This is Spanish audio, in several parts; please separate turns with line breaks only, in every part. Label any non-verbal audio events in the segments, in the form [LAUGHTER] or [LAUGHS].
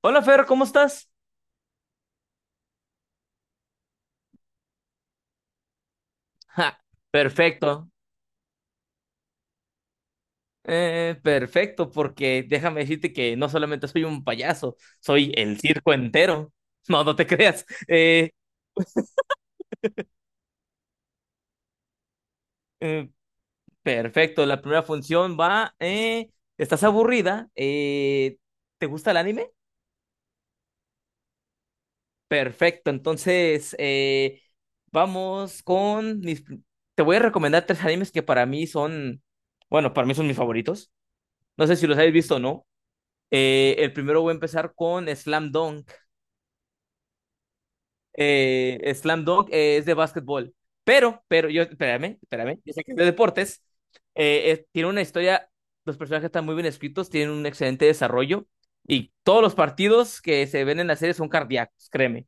Hola Fer, ¿cómo estás? Ja, perfecto. Perfecto, porque déjame decirte que no solamente soy un payaso, soy el circo entero. [LAUGHS] No, no te creas. Eh, Perfecto, la primera función va. ¿Estás aburrida? ¿Te gusta el anime? Perfecto, entonces vamos con mis. Te voy a recomendar tres animes que para mí son, bueno, para mí son mis favoritos. No sé si los habéis visto o no. El primero voy a empezar con Slam Dunk. Slam Dunk es de básquetbol, pero, espérame, espérame, yo sé que es de deportes. Tiene una historia, los personajes están muy bien escritos, tienen un excelente desarrollo y todos los partidos que se ven en la serie son cardíacos, créeme,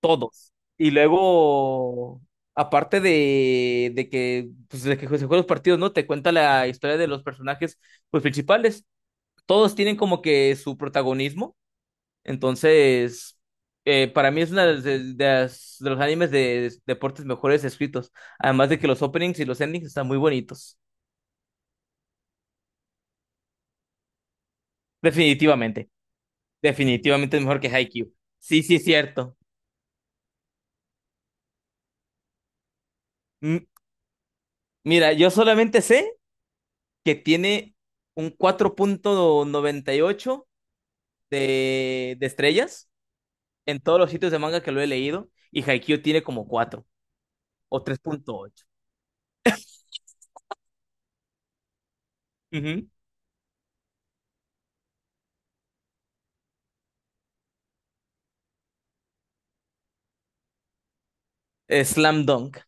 todos. Y luego, aparte de que se juegan los partidos, ¿no? Te cuenta la historia de los personajes pues, principales. Todos tienen como que su protagonismo. Entonces, para mí es una de los animes de deportes mejores escritos. Además de que los openings y los endings están muy bonitos. Definitivamente. Definitivamente es mejor que Haikyuu. Sí, sí, es cierto. Mm, Mira, yo solamente sé que tiene un 4.98 de estrellas en todos los sitios de manga que lo he leído. Y Haikyuu tiene como 4 o 3.8. Ujú. Slam Dunk.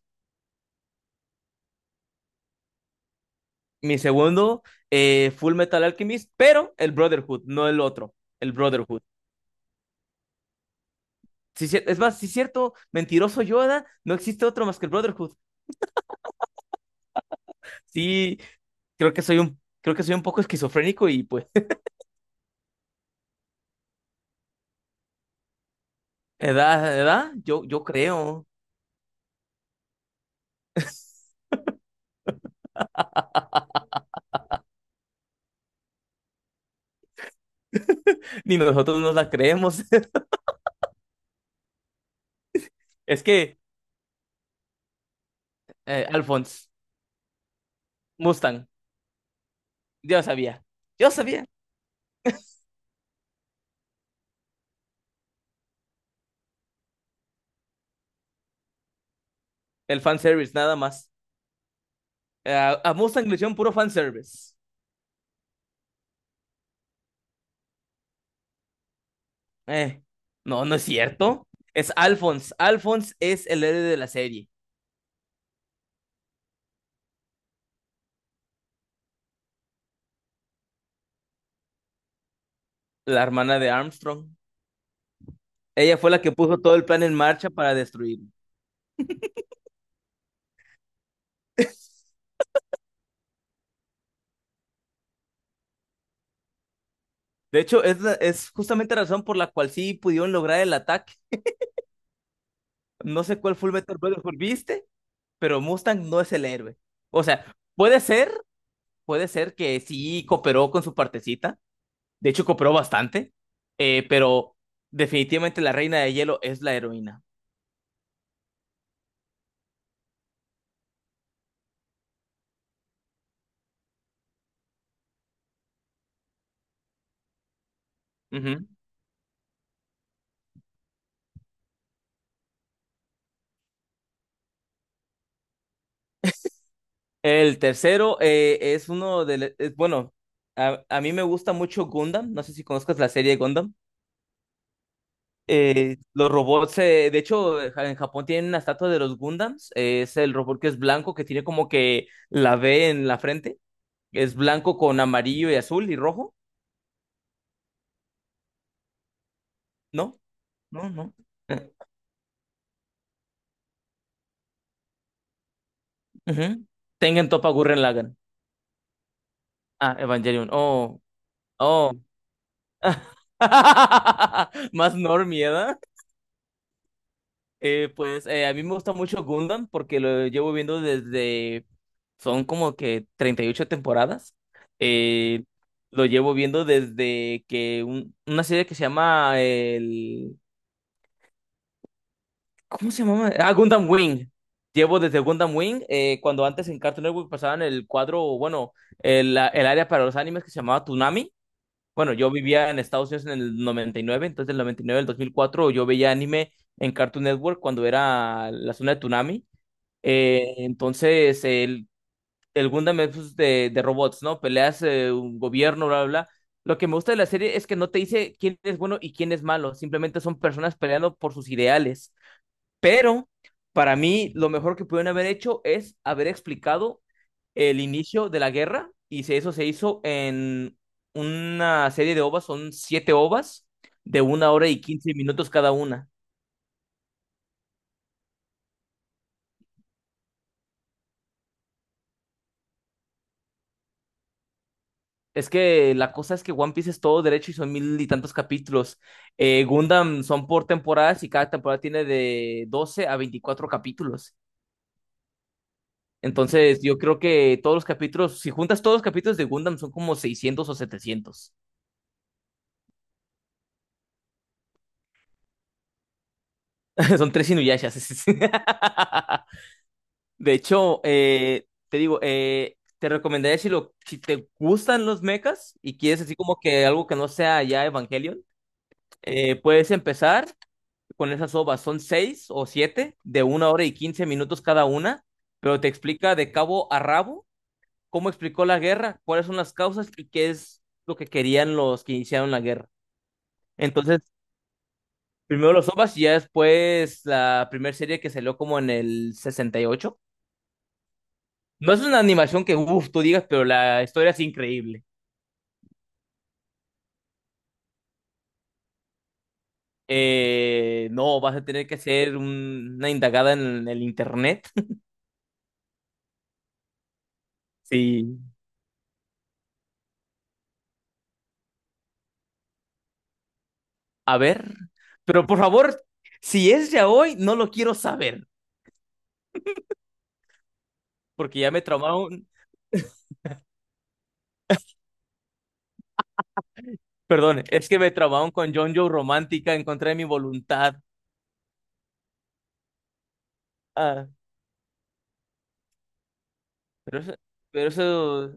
Mi segundo, Full Metal Alchemist, pero el Brotherhood, no el otro, el Brotherhood. Sí, es más, sí es cierto, mentiroso Yoda, no existe otro más que el Brotherhood. Sí, creo que soy un poco esquizofrénico y pues, [LAUGHS] edad, edad, yo creo. Ni nosotros nos la creemos. [LAUGHS] Es que, Alphonse, Mustang, yo sabía, yo sabía. El fanservice, nada más. A Mustang le hicieron puro fanservice. Eh, no, no es cierto. Es Alphonse. Alphonse es el héroe de la serie, la hermana de Armstrong. Ella fue la que puso todo el plan en marcha para destruirlo. De hecho, es justamente la razón por la cual sí pudieron lograr el ataque. No sé cuál Full Metal Brotherhood viste, pero Mustang no es el héroe. O sea, puede ser, puede ser que sí cooperó con su partecita. De hecho, cooperó bastante. Pero definitivamente la Reina de Hielo es la heroína. Ujú. El tercero es uno de... le- es- bueno, a, mí me gusta mucho Gundam. No sé si conozcas la serie Gundam. Los robots, de hecho, en Japón tienen una estatua de los Gundams. Es el robot que es blanco, que tiene como que la V en la frente. Es blanco con amarillo y azul y rojo. No, no, no. Eh, Ujú. Tengen Toppa Gurren Lagann. Ah, Evangelion. Oh, oh. [LAUGHS] Más normie. Pues a mí me gusta mucho Gundam porque lo llevo viendo desde, son como que 38 temporadas. Eh, lo llevo viendo desde que una serie que se llama el, ¿cómo se llama? Ah, Gundam Wing. Llevo desde Gundam Wing, cuando antes en Cartoon Network pasaban el cuadro, bueno, el área para los animes que se llamaba Toonami. Bueno, yo vivía en Estados Unidos en el 99. Entonces, del 99 al 2004 yo veía anime en Cartoon Network cuando era la zona de Toonami. Entonces, el Gundam es pues, de robots, ¿no? Peleas un gobierno, bla, bla, bla. Lo que me gusta de la serie es que no te dice quién es bueno y quién es malo, simplemente son personas peleando por sus ideales. Pero para mí, lo mejor que pudieron haber hecho es haber explicado el inicio de la guerra, y eso se hizo en una serie de ovas, son siete ovas de una hora y 15 minutos cada una. Es que la cosa es que One Piece es todo derecho y son mil y tantos capítulos. Gundam son por temporadas y cada temporada tiene de 12 a 24 capítulos. Entonces, yo creo que todos los capítulos, si juntas todos los capítulos de Gundam, son como 600 o 700. [LAUGHS] Son tres Inuyashas. [LAUGHS] De hecho, te digo, te recomendaría si te gustan los mechas y quieres así como que algo que no sea ya Evangelion, puedes empezar con esas ovas. Son seis o siete de una hora y quince minutos cada una, pero te explica de cabo a rabo cómo explicó la guerra, cuáles son las causas y qué es lo que querían los que iniciaron la guerra. Entonces, primero los ovas y ya después la primera serie que salió como en el 68. No es una animación que, uff, tú digas, pero la historia es increíble. No, vas a tener que hacer una indagada en el internet. [LAUGHS] Sí, a ver, pero por favor, si es ya hoy, no lo quiero saber, porque ya me traumaron, perdón, es que me traumaron con John Joe Romántica en contra de mi voluntad. Ah, pero eso, pero eso,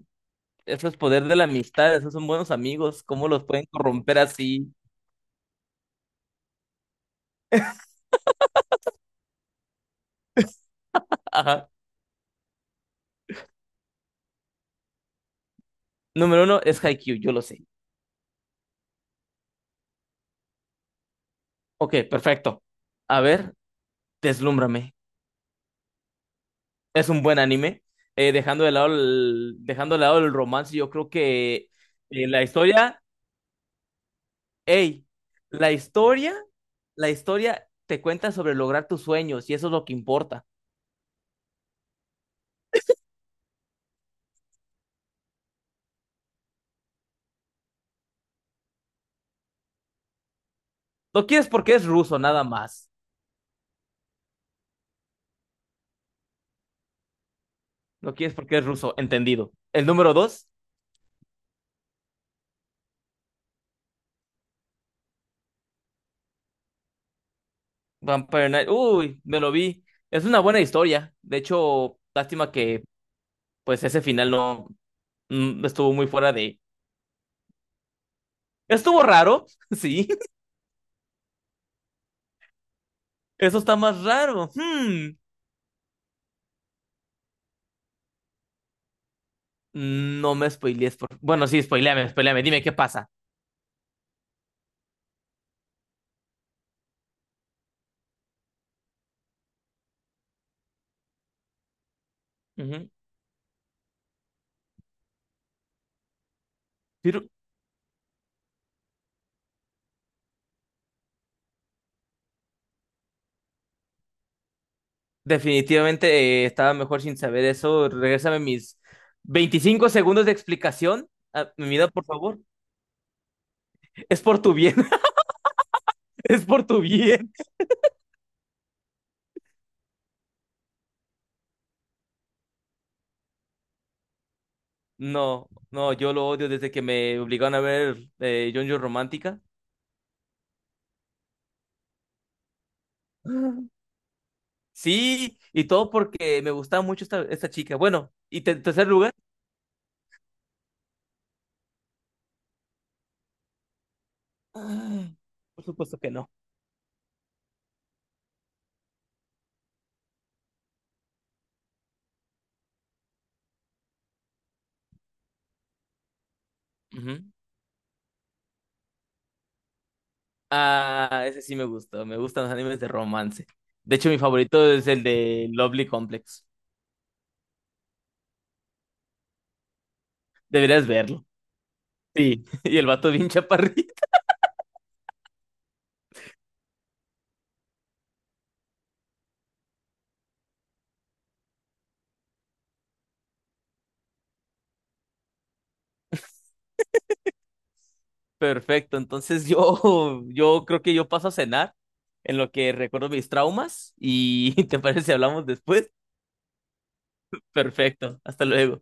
eso es poder de la amistad, esos son buenos amigos, ¿cómo los pueden corromper así? Ajá. Número uno es Haikyuu, yo lo sé. Ok, perfecto. A ver, deslúmbrame. Es un buen anime. Dejando de lado el, dejando de lado el romance, yo creo que la historia. Hey, la historia, la historia te cuenta sobre lograr tus sueños y eso es lo que importa. Lo quieres porque es ruso, nada más. Lo quieres porque es ruso, entendido. El número dos, Vampire Knight. Uy, me lo vi. Es una buena historia. De hecho, lástima que pues ese final no estuvo muy fuera de. Estuvo raro, [LAUGHS] sí. Eso está más raro. Hmm. No me spoilees. Bueno, sí, spoileame, spoileame. Dime qué pasa. Ujú. Pero definitivamente estaba mejor sin saber eso. Regrésame mis 25 segundos de explicación a mi vida, por favor. Es por tu bien, [LAUGHS] es por tu bien. No, no, yo lo odio desde que me obligaron a ver JoJo Romántica. Sí, y todo porque me gustaba mucho esta chica. Bueno, en tercer lugar, ah, por supuesto que no. Ujú. Ah, ese sí me gusta, me gustan los animes de romance. De hecho, mi favorito es el de Lovely Complex. Deberías verlo. Sí, [LAUGHS] y el vato bien chaparrito. [LAUGHS] Perfecto, entonces yo creo que yo paso a cenar en lo que recuerdo mis traumas y [LAUGHS] ¿te parece si hablamos después? Perfecto, hasta luego.